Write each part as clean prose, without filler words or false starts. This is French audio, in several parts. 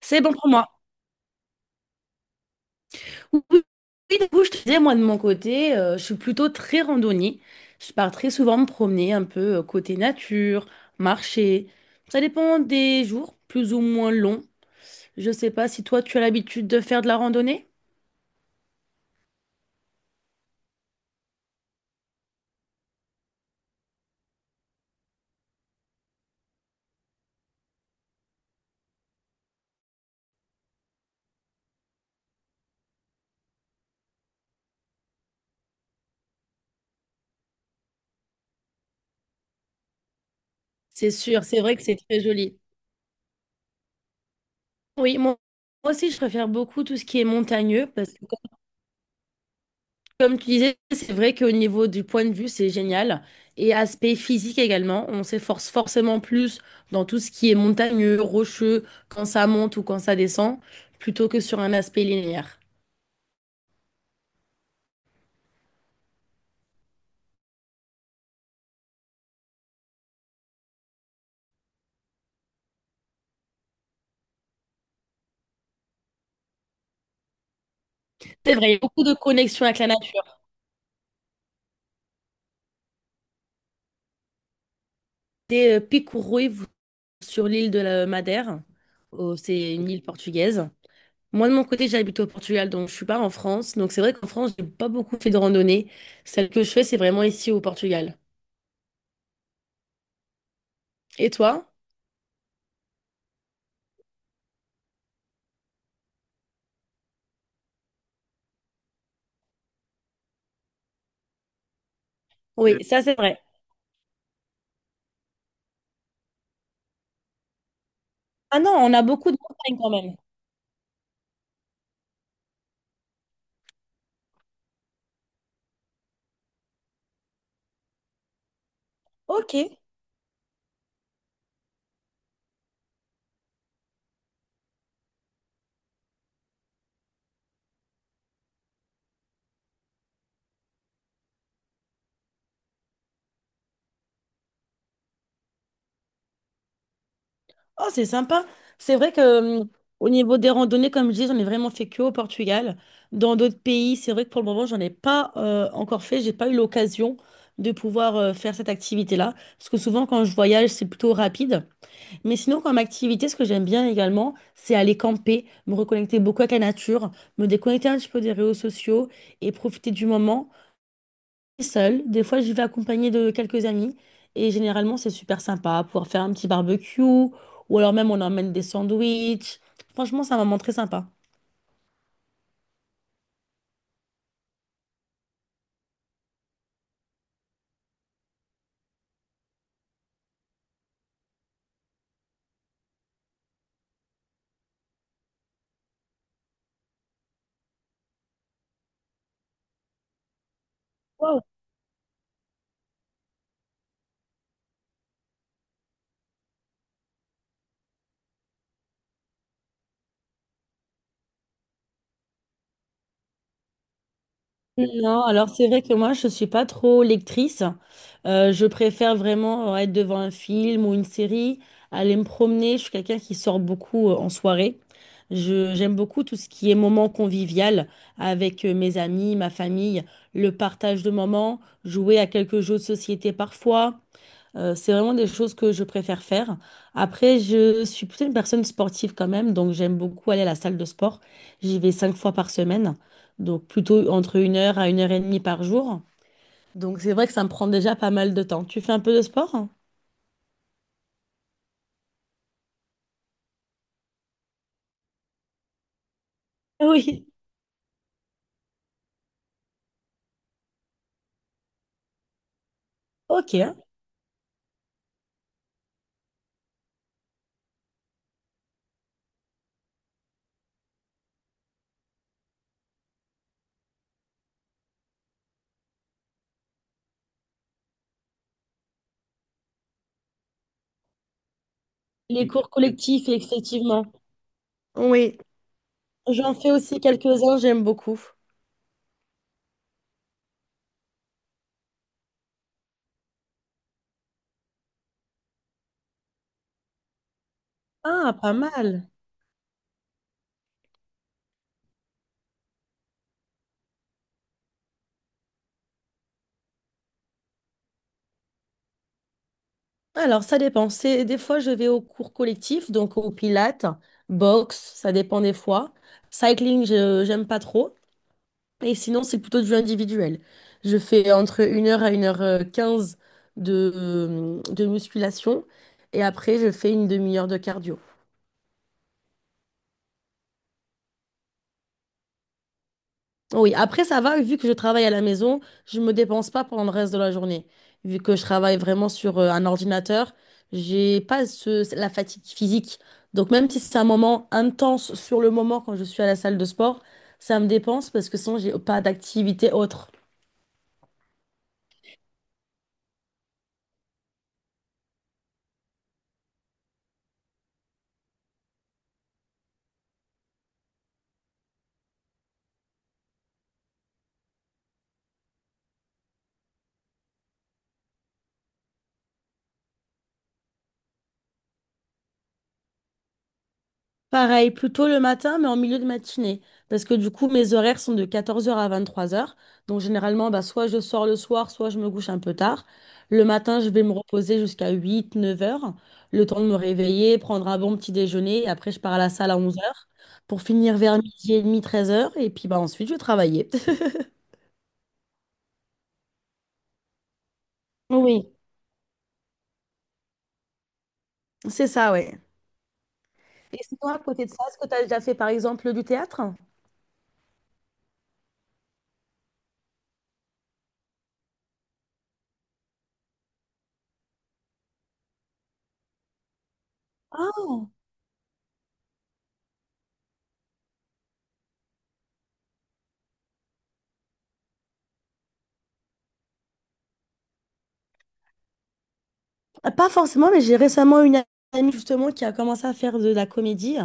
C'est bon pour moi. Oui, oui, oui, du coup, je te disais, moi, de mon côté, je suis plutôt très randonnée. Je pars très souvent me promener un peu côté nature, marcher. Ça dépend des jours, plus ou moins longs. Je sais pas si toi, tu as l'habitude de faire de la randonnée. C'est sûr, c'est vrai que c'est très joli. Oui, moi, moi aussi, je préfère beaucoup tout ce qui est montagneux parce que comme tu disais, c'est vrai qu'au niveau du point de vue, c'est génial. Et aspect physique également, on s'efforce forcément plus dans tout ce qui est montagneux, rocheux, quand ça monte ou quand ça descend, plutôt que sur un aspect linéaire. C'est vrai, il y a beaucoup de connexions avec la nature. Des Picourouy sur l'île de la Madère. Oh, c'est une île portugaise. Moi, de mon côté, j'habite au Portugal, donc je suis pas en France. Donc c'est vrai qu'en France, j'ai pas beaucoup fait de randonnée. Celle que je fais, c'est vraiment ici au Portugal. Et toi? Oui, ça c'est vrai. Ah non, on a beaucoup de montagnes quand même. Ok. Oh, c'est sympa. C'est vrai que au niveau des randonnées, comme je dis, j'en ai vraiment fait que au Portugal. Dans d'autres pays, c'est vrai que pour le moment, j'en ai pas encore fait. J'ai pas eu l'occasion de pouvoir faire cette activité-là. Parce que souvent, quand je voyage, c'est plutôt rapide. Mais sinon, comme activité, ce que j'aime bien également, c'est aller camper, me reconnecter beaucoup avec la nature, me déconnecter un petit peu des réseaux sociaux et profiter du moment. Seule, des fois j'y vais accompagnée de quelques amis et généralement c'est super sympa, pouvoir faire un petit barbecue ou alors même on emmène des sandwichs. Franchement, c'est un moment très sympa. Wow. Non, alors c'est vrai que moi je suis pas trop lectrice. Je préfère vraiment être devant un film ou une série, aller me promener. Je suis quelqu'un qui sort beaucoup en soirée. J'aime beaucoup tout ce qui est moment convivial avec mes amis, ma famille, le partage de moments, jouer à quelques jeux de société parfois. C'est vraiment des choses que je préfère faire. Après, je suis plutôt une personne sportive quand même, donc j'aime beaucoup aller à la salle de sport. J'y vais 5 fois par semaine, donc plutôt entre 1 heure à 1 heure et demie par jour. Donc c'est vrai que ça me prend déjà pas mal de temps. Tu fais un peu de sport, hein? Oui. Ok. Les cours collectifs, effectivement. Oui. J'en fais aussi quelques-uns, j'aime beaucoup. Ah, pas mal. Alors, ça dépend. C'est, des fois, je vais aux cours collectifs, donc au pilates, boxe, ça dépend des fois. Cycling, j'aime pas trop. Et sinon, c'est plutôt du individuel. Je fais entre une heure à une heure quinze de musculation. Et après, je fais 1 demi-heure de cardio. Oui, après ça va, vu que je travaille à la maison, je me dépense pas pendant le reste de la journée. Vu que je travaille vraiment sur un ordinateur, j'ai pas ce- la fatigue physique. Donc même si c'est un moment intense sur le moment quand je suis à la salle de sport, ça me dépense parce que sinon j'ai pas d'activité autre. Pareil, plutôt le matin, mais en milieu de matinée. Parce que du coup, mes horaires sont de 14 heures à 23 heures. Donc généralement, bah, soit je sors le soir, soit je me couche un peu tard. Le matin, je vais me reposer jusqu'à 8, 9 heures. Le temps de me réveiller, prendre un bon petit déjeuner. Et après, je pars à la salle à 11 heures pour finir vers midi et demi, 13 heures. Et puis bah, ensuite, je vais travailler. Oui, c'est ça, ouais. Et sinon, à côté de ça, est-ce que tu as déjà fait par exemple du théâtre? Ah, ah, pas forcément, mais j'ai récemment une amie justement qui a commencé à faire de la comédie.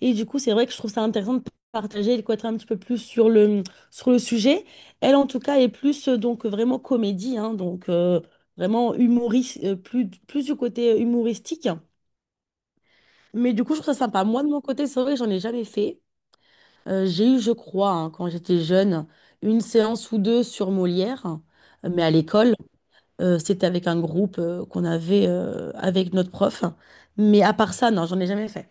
Et du coup, c'est vrai que je trouve ça intéressant de partager et de connaître un petit peu plus sur sur le sujet. Elle, en tout cas, est plus donc vraiment comédie, hein, donc vraiment humoriste, plus du côté humoristique. Mais du coup, je trouve ça sympa. Moi, de mon côté, c'est vrai que j'en ai jamais fait. J'ai eu, je crois, hein, quand j'étais jeune, une séance ou deux sur Molière, mais à l'école. C'était avec un groupe qu'on avait avec notre prof. Mais à part ça, non, j'en ai jamais fait.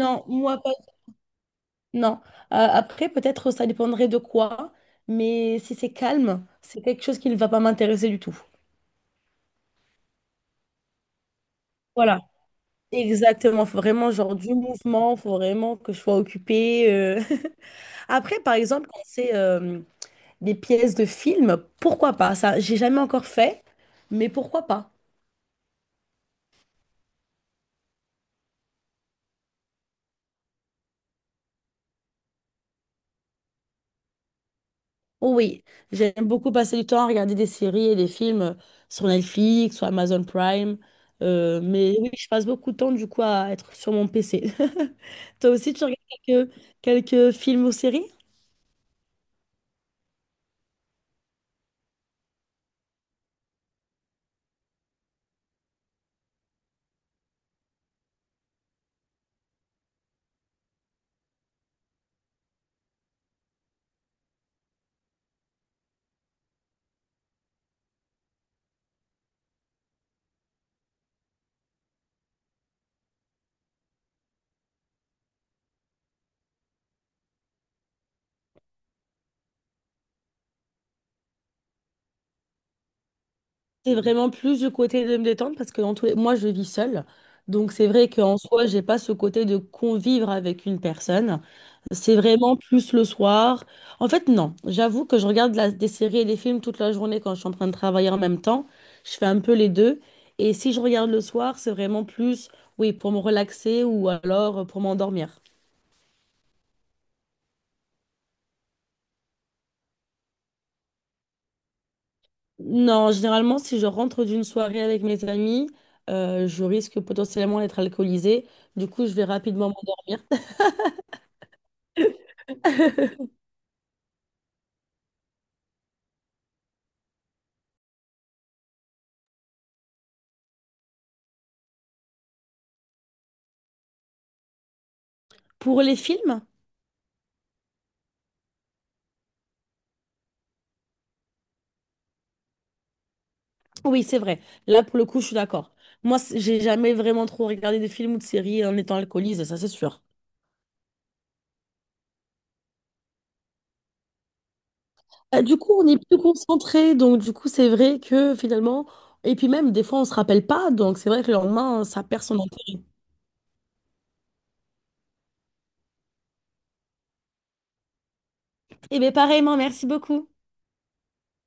Non, moi pas. Non. Après, peut-être ça dépendrait de quoi, mais si c'est calme, c'est quelque chose qui ne va pas m'intéresser du tout. Voilà. Exactement. Faut vraiment genre du mouvement, faut vraiment que je sois occupée. Après, par exemple, quand c'est des pièces de film, pourquoi pas? Ça, j'ai jamais encore fait, mais pourquoi pas? Oh oui, j'aime beaucoup passer du temps à regarder des séries et des films sur Netflix, sur Amazon Prime. Mais oui, je passe beaucoup de temps du coup à être sur mon PC. Toi aussi, tu regardes quelques, quelques films ou séries? C'est vraiment plus du côté de me détendre parce que dans tous les... moi, je vis seule. Donc, c'est vrai qu'en soi, j'ai pas ce côté de convivre avec une personne. C'est vraiment plus le soir. En fait, non. J'avoue que je regarde la- des séries et des films toute la journée quand je suis en train de travailler en même temps. Je fais un peu les deux. Et si je regarde le soir, c'est vraiment plus, oui, pour me relaxer ou alors pour m'endormir. Non, généralement, si je rentre d'une soirée avec mes amis, je risque potentiellement d'être alcoolisée. Du coup, je vais rapidement m'endormir. Pour les films, oui, c'est vrai. Là, pour le coup, je suis d'accord. Moi, c- j'ai jamais vraiment trop regardé de films ou de séries en étant alcoolisée, ça c'est sûr. Du coup, on est plus concentré, donc du coup, c'est vrai que finalement, et puis même des fois, on se rappelle pas, donc c'est vrai que le lendemain, ça perd son intérêt. Et bien, pareillement, merci beaucoup.